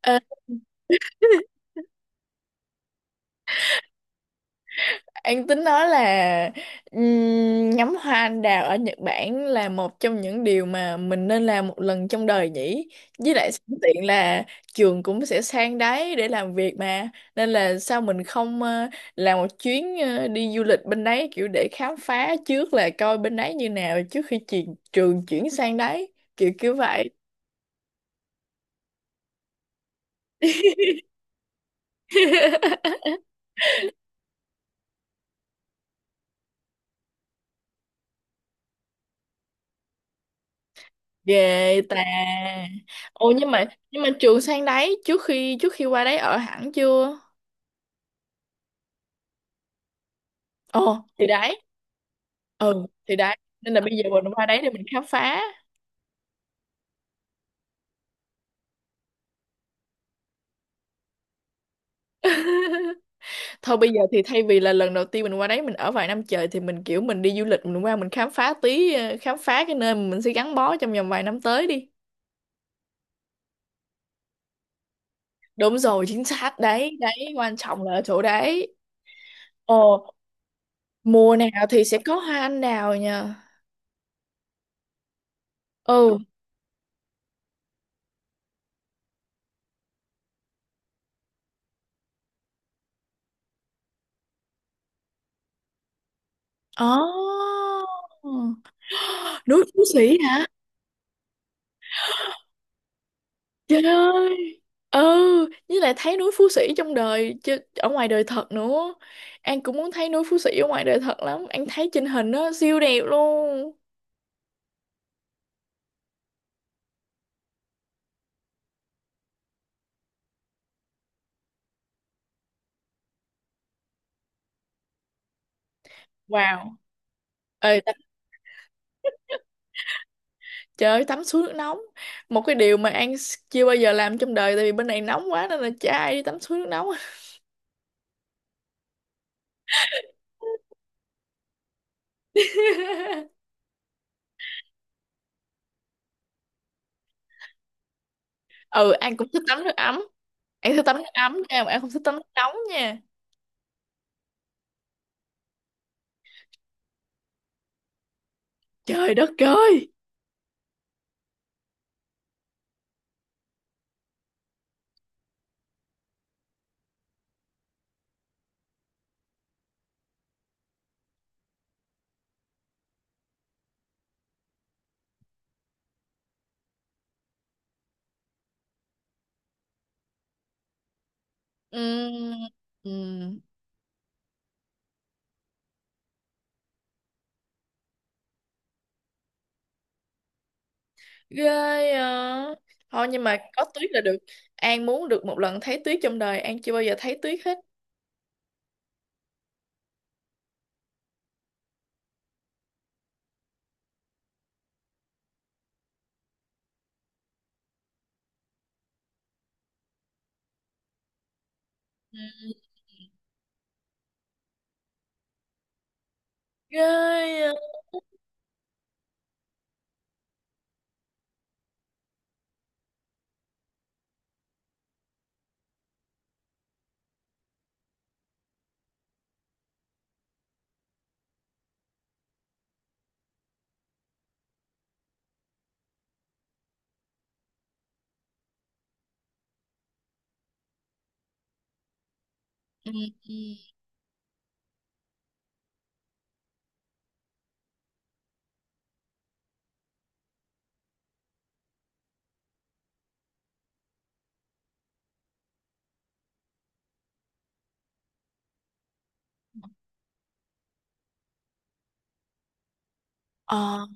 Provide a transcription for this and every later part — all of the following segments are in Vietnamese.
Ờ, anh tính nói là ngắm hoa anh đào ở Nhật Bản là một trong những điều mà mình nên làm một lần trong đời nhỉ. Với lại sẵn tiện là trường cũng sẽ sang đấy để làm việc mà. Nên là sao mình không làm một chuyến đi du lịch bên đấy kiểu để khám phá trước là coi bên đấy như nào trước khi trường chuyển sang đấy. Kiểu kiểu vậy. Ghê ta. Ồ nhưng mà trường sang đấy trước khi qua đấy ở hẳn chưa? Ồ, thì đấy. Ừ, thì đấy. Nên là bây giờ mình qua đấy để mình khám phá. Thôi bây giờ thì thay vì là lần đầu tiên mình qua đấy mình ở vài năm trời thì mình kiểu mình đi du lịch mình qua mình khám phá tí khám phá cái nơi mà mình sẽ gắn bó trong vòng vài năm tới đi. Đúng rồi, chính xác đấy, đấy quan trọng là ở chỗ đấy. Ồ, mùa nào thì sẽ có hoa anh đào nha. Ừ. Ồ. Núi Phú Sĩ hả? Trời ơi. Ừ, với lại thấy núi Phú Sĩ trong đời chứ ở ngoài đời thật nữa. An cũng muốn thấy núi Phú Sĩ ở ngoài đời thật lắm, An thấy trên hình nó siêu đẹp luôn. Wow. Ê, tắm, trời ơi, tắm suối nước nóng. Một cái điều mà chưa bao giờ làm trong đời. Tại vì bên này nóng quá nên là chả ai đi tắm suối nước nóng. Ừ, An cũng thích tắm nước ấm. An thích tắm nước ấm nha mà An không thích tắm nước nóng nha. Trời đất ơi. Ừm, ừm. Ghê. À, thôi nhưng mà có tuyết là được. An muốn được một lần thấy tuyết trong đời, An chưa bao giờ thấy tuyết hết. Ừ. Ghê. À. Ừ. Ừ. Ờ.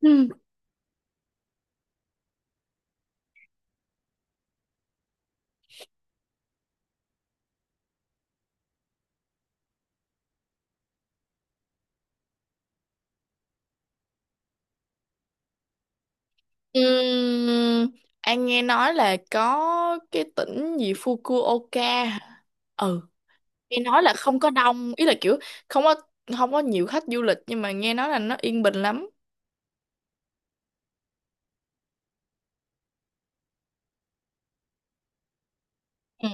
Ừ. Ừm, An nghe nói là có cái tỉnh gì Fukuoka hả? Ừ, nghe nói là không có đông, ý là kiểu không có, không có nhiều khách du lịch nhưng mà nghe nói là nó yên bình lắm. Ừ.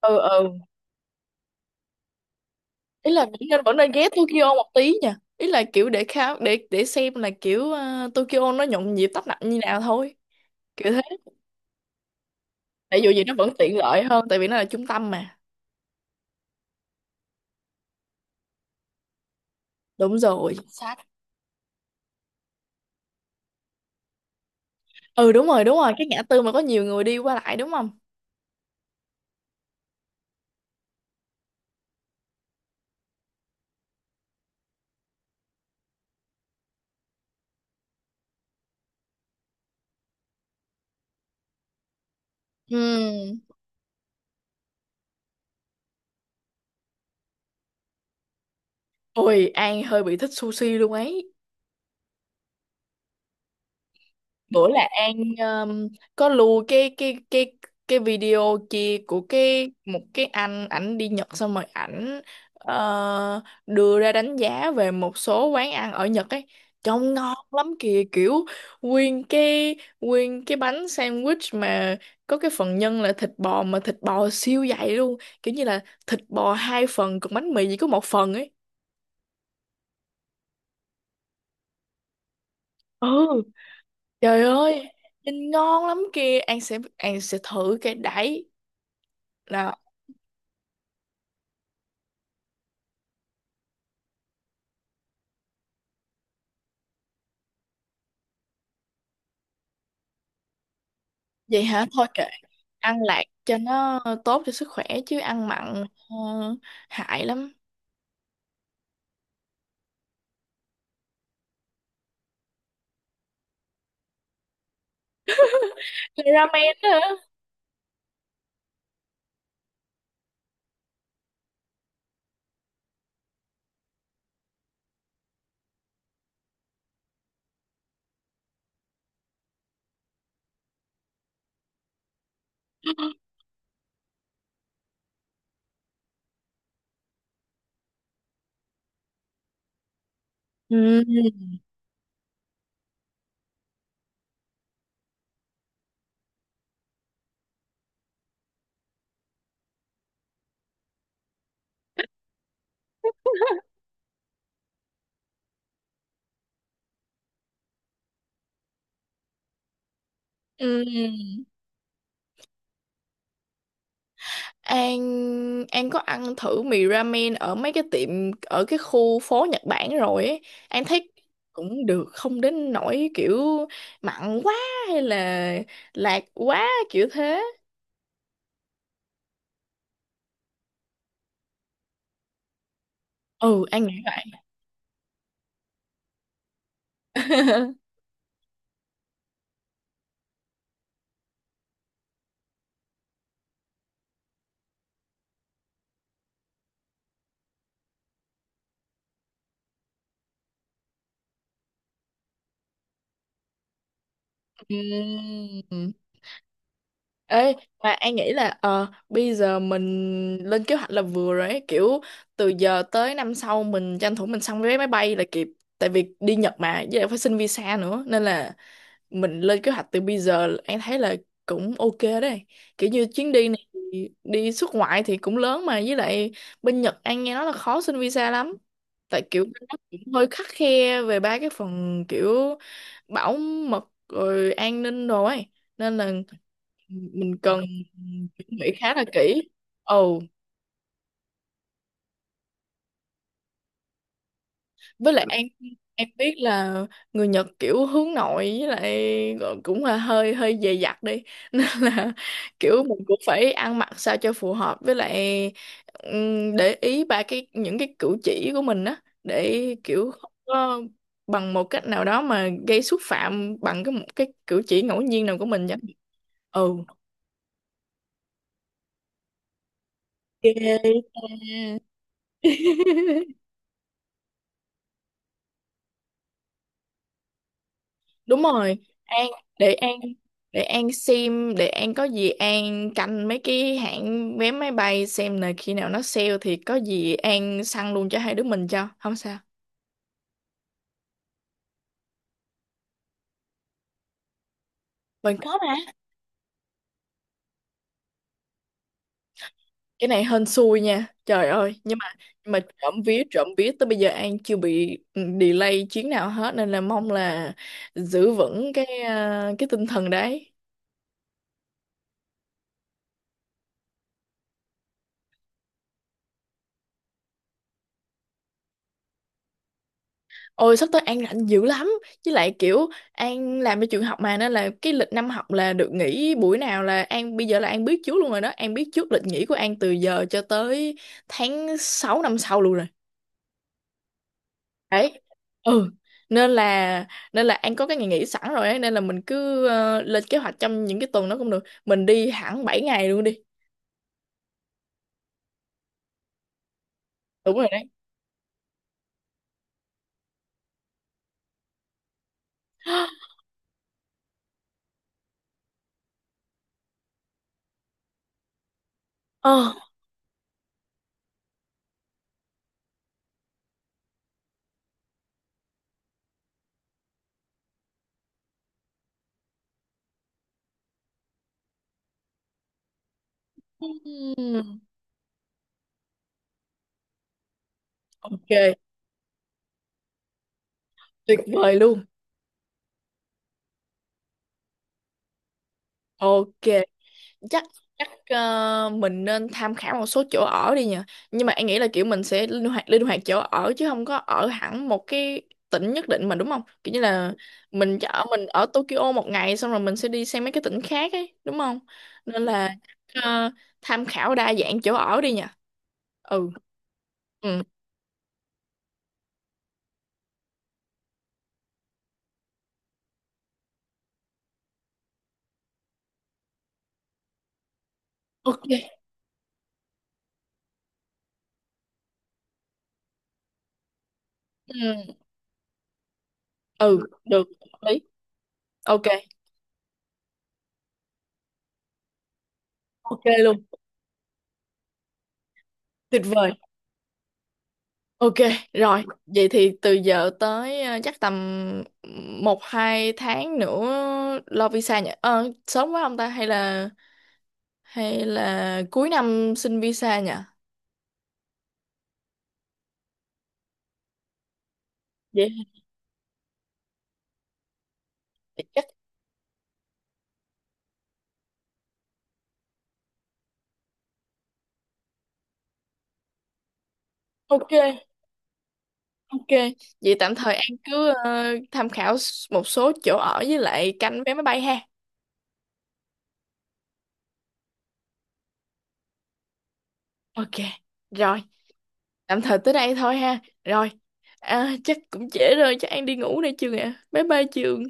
Ừ. Ừ, ý là vẫn nên ghé Tokyo một tí nha, ý là kiểu để khám để xem là kiểu Tokyo nó nhộn nhịp tấp nập như nào thôi, kiểu thế. Tại dù gì nó vẫn tiện lợi hơn tại vì nó là trung tâm mà. Đúng rồi. Sát. Ừ, đúng rồi, đúng rồi, cái ngã tư mà có nhiều người đi qua lại đúng không. Ừ. Ôi, An hơi bị thích sushi luôn ấy. Bữa là An, um, có lưu cái video kia của cái một cái anh, ảnh đi Nhật xong rồi ảnh đưa ra đánh giá về một số quán ăn ở Nhật ấy, trông ngon lắm kìa, kiểu nguyên cái bánh sandwich mà có cái phần nhân là thịt bò mà thịt bò siêu dày luôn, kiểu như là thịt bò hai phần còn bánh mì chỉ có một phần ấy. Ừ, trời ơi, nhìn ngon lắm kìa, An sẽ thử cái đấy. Đó. Vậy hả? Thôi kệ, ăn lạc cho nó tốt cho sức khỏe chứ ăn mặn hại lắm. Ramen hả? Ừ. Ừ, An An có ăn thử mì ramen ở mấy cái tiệm ở cái khu phố Nhật Bản rồi ấy. An thấy cũng được, không đến nỗi kiểu mặn quá hay là lạc quá kiểu thế. Ừ, An nghĩ vậy. Ừm. Ê, mà An nghĩ là bây giờ mình lên kế hoạch là vừa rồi ấy, kiểu từ giờ tới năm sau mình tranh thủ mình xong vé máy bay là kịp. Tại vì đi Nhật mà, với lại phải xin visa nữa. Nên là mình lên kế hoạch từ bây giờ An thấy là cũng ok đấy. Kiểu như chuyến đi này thì đi xuất ngoại thì cũng lớn mà với lại bên Nhật An nghe nói là khó xin visa lắm. Tại kiểu bên đó cũng hơi khắt khe về ba cái phần kiểu bảo mật rồi an ninh đồ ấy. Nên là mình cần chuẩn bị khá là kỹ. Ồ, với lại em biết là người Nhật kiểu hướng nội, với lại cũng là hơi hơi dè dặt đi nên là kiểu mình cũng phải ăn mặc sao cho phù hợp, với lại để ý ba cái những cái cử chỉ của mình á, để kiểu không có bằng một cách nào đó mà gây xúc phạm bằng cái một cái cử chỉ ngẫu nhiên nào của mình vậy. Ừ. Ok. Đúng rồi, An để An An xem, để An có gì An canh mấy cái hãng vé máy bay xem là khi nào nó sale thì có gì An săn luôn cho hai đứa mình cho không sao. Mình có mà. Cái này hên xui nha trời ơi. Nhưng mà trộm vía, trộm vía tới bây giờ An chưa bị delay chuyến nào hết nên là mong là giữ vững cái cái tinh thần đấy. Ôi sắp tới An rảnh dữ lắm. Với lại kiểu An làm ở trường học mà, nên là cái lịch năm học là được nghỉ buổi nào là An, bây giờ là An biết trước luôn rồi đó, An biết trước lịch nghỉ của An từ giờ cho tới tháng 6 năm sau luôn rồi. Đấy. Ừ. Nên là Nên là An có cái ngày nghỉ sẵn rồi ấy, nên là mình cứ lên kế hoạch trong những cái tuần đó cũng được. Mình đi hẳn 7 ngày luôn đi. Đúng rồi đấy. Ờ. Ừm. Ok, tuyệt vời luôn. Ok. Chắc chắc mình nên tham khảo một số chỗ ở đi nhỉ, nhưng mà anh nghĩ là kiểu mình sẽ linh hoạt chỗ ở chứ không có ở hẳn một cái tỉnh nhất định mà, đúng không, kiểu như là mình chỉ ở, mình ở Tokyo một ngày xong rồi mình sẽ đi sang mấy cái tỉnh khác ấy đúng không. Nên là ờ, tham khảo đa dạng chỗ ở đi nhỉ. Ừ. Ừ. Ok. Ừ, ừ. Được, hợp lý. Ok. Ok luôn. Tuyệt vời. Ok, rồi, vậy thì từ giờ tới chắc tầm 1-2 tháng nữa lo visa nhỉ? Ờ, sớm quá không ta? Hay là cuối năm xin visa nhỉ? Vậy thì chắc ok, ok. Vậy tạm thời An cứ tham khảo một số chỗ ở với lại canh vé máy bay ha. Ok, rồi, tạm thời tới đây thôi ha. Rồi, à, chắc cũng trễ rồi, chắc An đi ngủ đây chưa ạ? Bye bye Trường.